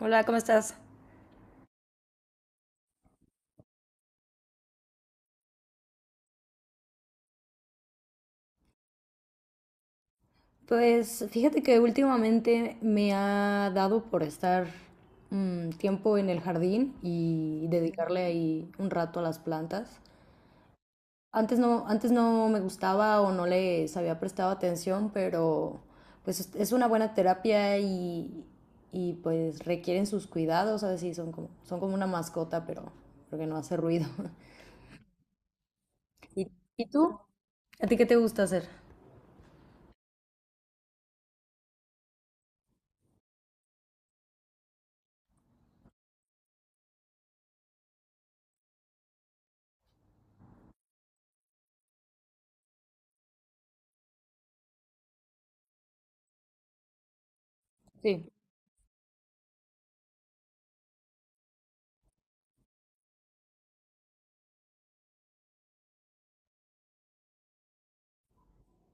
Hola, ¿cómo estás? Pues fíjate que últimamente me ha dado por estar tiempo en el jardín y dedicarle ahí un rato a las plantas. Antes no me gustaba o no les había prestado atención, pero pues es una buena terapia y, pues requieren sus cuidados, a veces sí, son como una mascota, pero porque no hace ruido. ¿Y, y tú? ¿A ti qué te gusta hacer? Sí.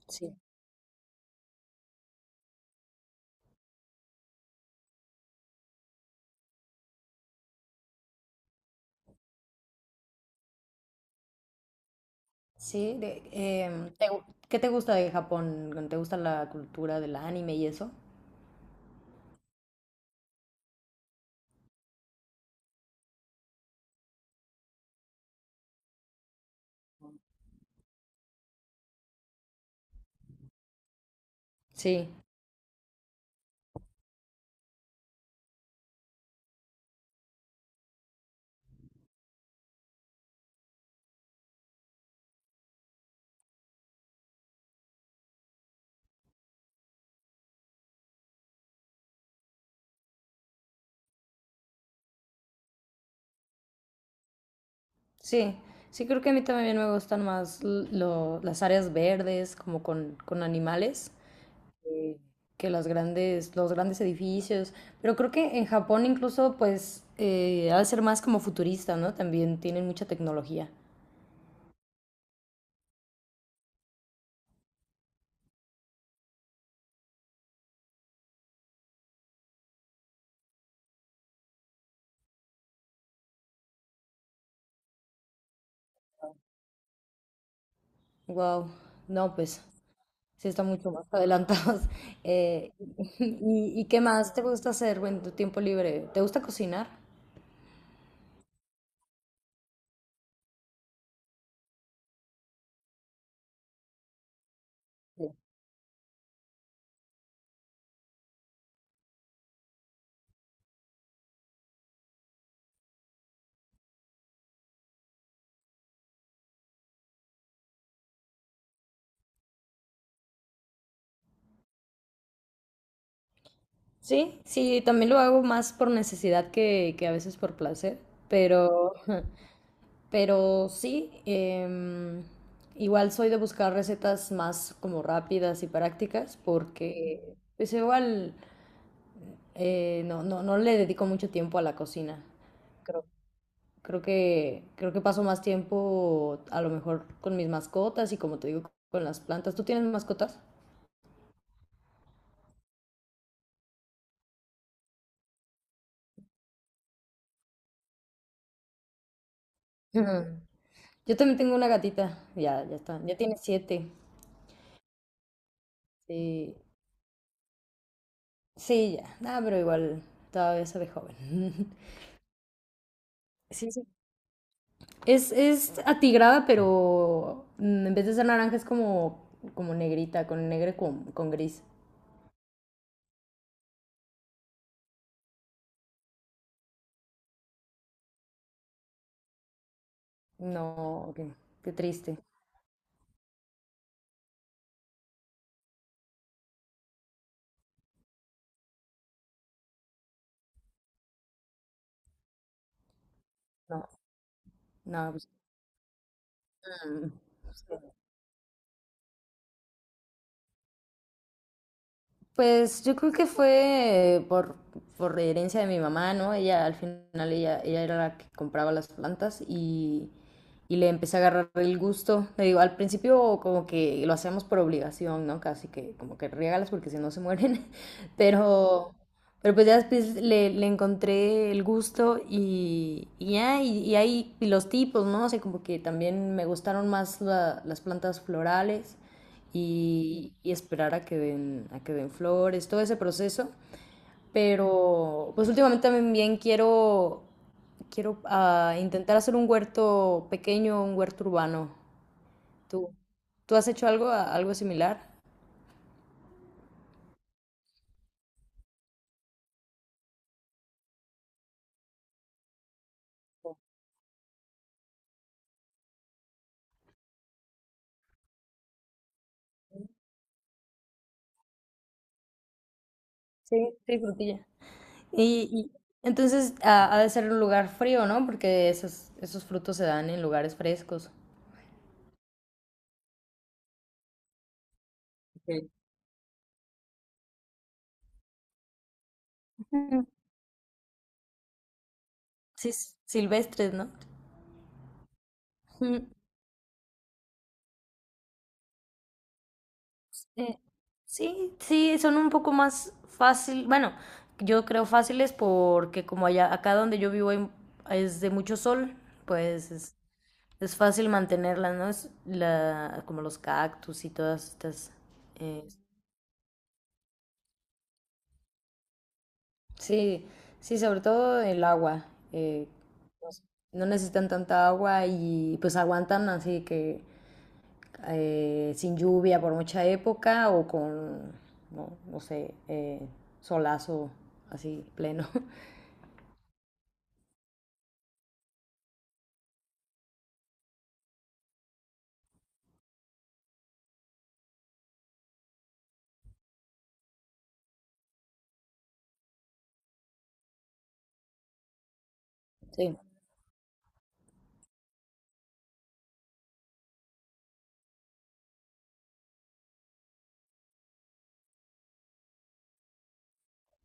Sí. Sí, ¿qué te gusta de Japón? ¿Te gusta la cultura del anime y eso? Sí, sí, sí, creo que a mí también me gustan más las áreas verdes, como con animales, eh, que las grandes, los grandes edificios. Pero creo que en Japón incluso, pues, ha de ser más como futurista, ¿no? También tienen mucha tecnología. Wow, no, pues. Sí, están mucho más adelantados. Eh, y, ¿y qué más te gusta hacer en tu tiempo libre? ¿Te gusta cocinar? Sí, sí, también lo hago más por necesidad que a veces por placer, pero, pero sí, igual soy de buscar recetas más como rápidas y prácticas porque pues igual no le dedico mucho tiempo a la cocina. Creo que paso más tiempo a lo mejor con mis mascotas y como te digo, con las plantas. ¿Tú tienes mascotas? Ujú. Yo también tengo una gatita, ya tiene 7. Sí, sí, ya, nada, pero igual todavía se ve joven. Sí, sí. Es atigrada, pero en vez de ser naranja es como, como negrita, con negro y con gris. No, qué, qué triste. No, no, pues, mm, sí. Pues yo creo que fue por herencia de mi mamá, ¿no? Ella al final ella, ella era la que compraba las plantas y le empecé a agarrar el gusto. Le digo, al principio como que lo hacemos por obligación, ¿no? Casi que como que riégalas porque si no se mueren, pero, pero pues ya después le encontré el gusto y ya, y ahí y los tipos, ¿no? O sea, como que también me gustaron más las plantas florales y esperar a que den flores, todo ese proceso. Pero pues últimamente también quiero, quiero intentar hacer un huerto pequeño, un huerto urbano. ¿Tú, tú has hecho algo, algo similar? Sí, sí, frutilla. Y entonces ha de ser un lugar frío, ¿no? Porque esos, esos frutos se dan en lugares frescos. Ok. Ujú. Sí, silvestres, ¿no? Ujú. Eh, sí, sí, son un poco más fácil, bueno, yo creo fáciles porque acá donde yo vivo, es de mucho sol, pues es fácil mantenerlas, ¿no? Es la, como los cactus y todas estas. eh, sí, sí, sobre todo el agua. eh, no no necesitan tanta agua y pues aguantan, así que sin lluvia por mucha época o con, no, no sé, solazo así pleno. Sí.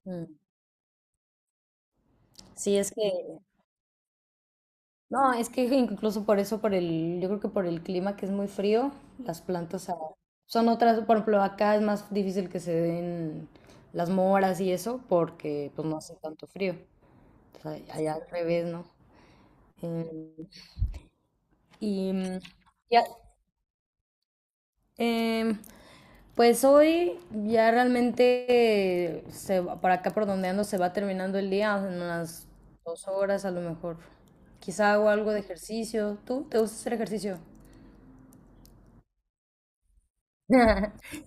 Mm. Sí, es que, no, es que incluso por eso, por el, yo creo que por el clima que es muy frío, las plantas son otras, por ejemplo, acá es más difícil que se den las moras y eso porque pues no hace tanto frío. O sea, allá al revés, ¿no? Em, y, ya- Em, pues hoy ya realmente para acá por donde ando se va terminando el día en unas 2 horas a lo mejor. Quizá hago algo de ejercicio. ¿Tú te gusta hacer ejercicio?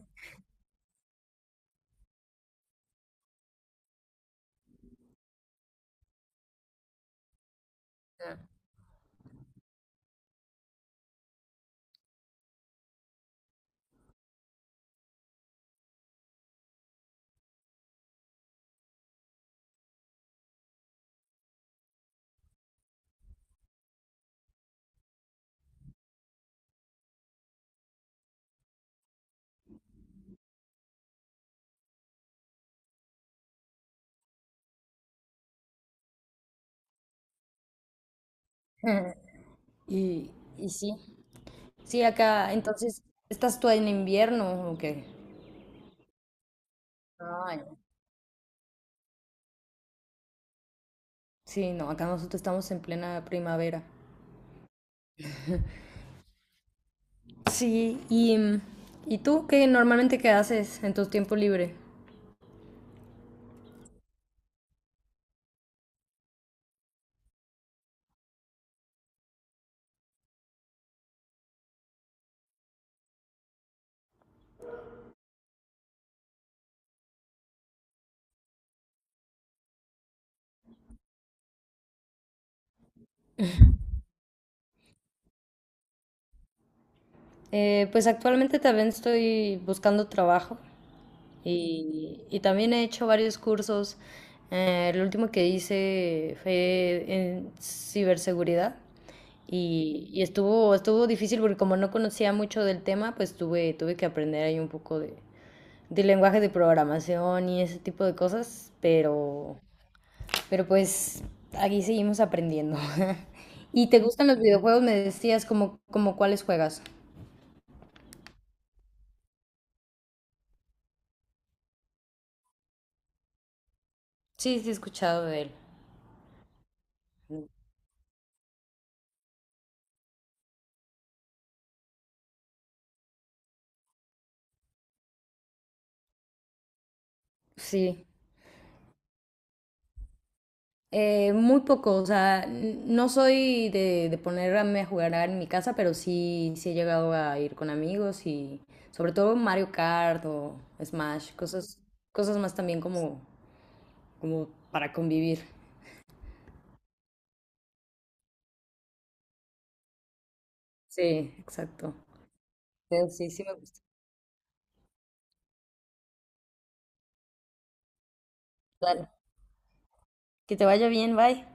Y, y sí, sí, acá, entonces, ¿estás tú en invierno o qué? Ay, sí, no, acá nosotros estamos en plena primavera. Sí, y, ¿y tú qué normalmente qué haces en tu tiempo libre? Pues actualmente también estoy buscando trabajo y también he hecho varios cursos. El último que hice fue en ciberseguridad y estuvo, estuvo difícil porque como no conocía mucho del tema, pues tuve, tuve que aprender ahí un poco de lenguaje de programación y ese tipo de cosas, pero pues aquí seguimos aprendiendo. ¿Y te gustan los videojuegos? Me decías como, como cuáles juegas. Sí, sí, he escuchado de él. Sí, muy poco, o sea, no soy de ponerme a jugar en mi casa, pero sí, sí he llegado a ir con amigos y sobre todo Mario Kart o Smash, cosas, cosas más también como, como para convivir. Sí, exacto. Pero sí, sí me gusta. Dale. Que te vaya bien, bye.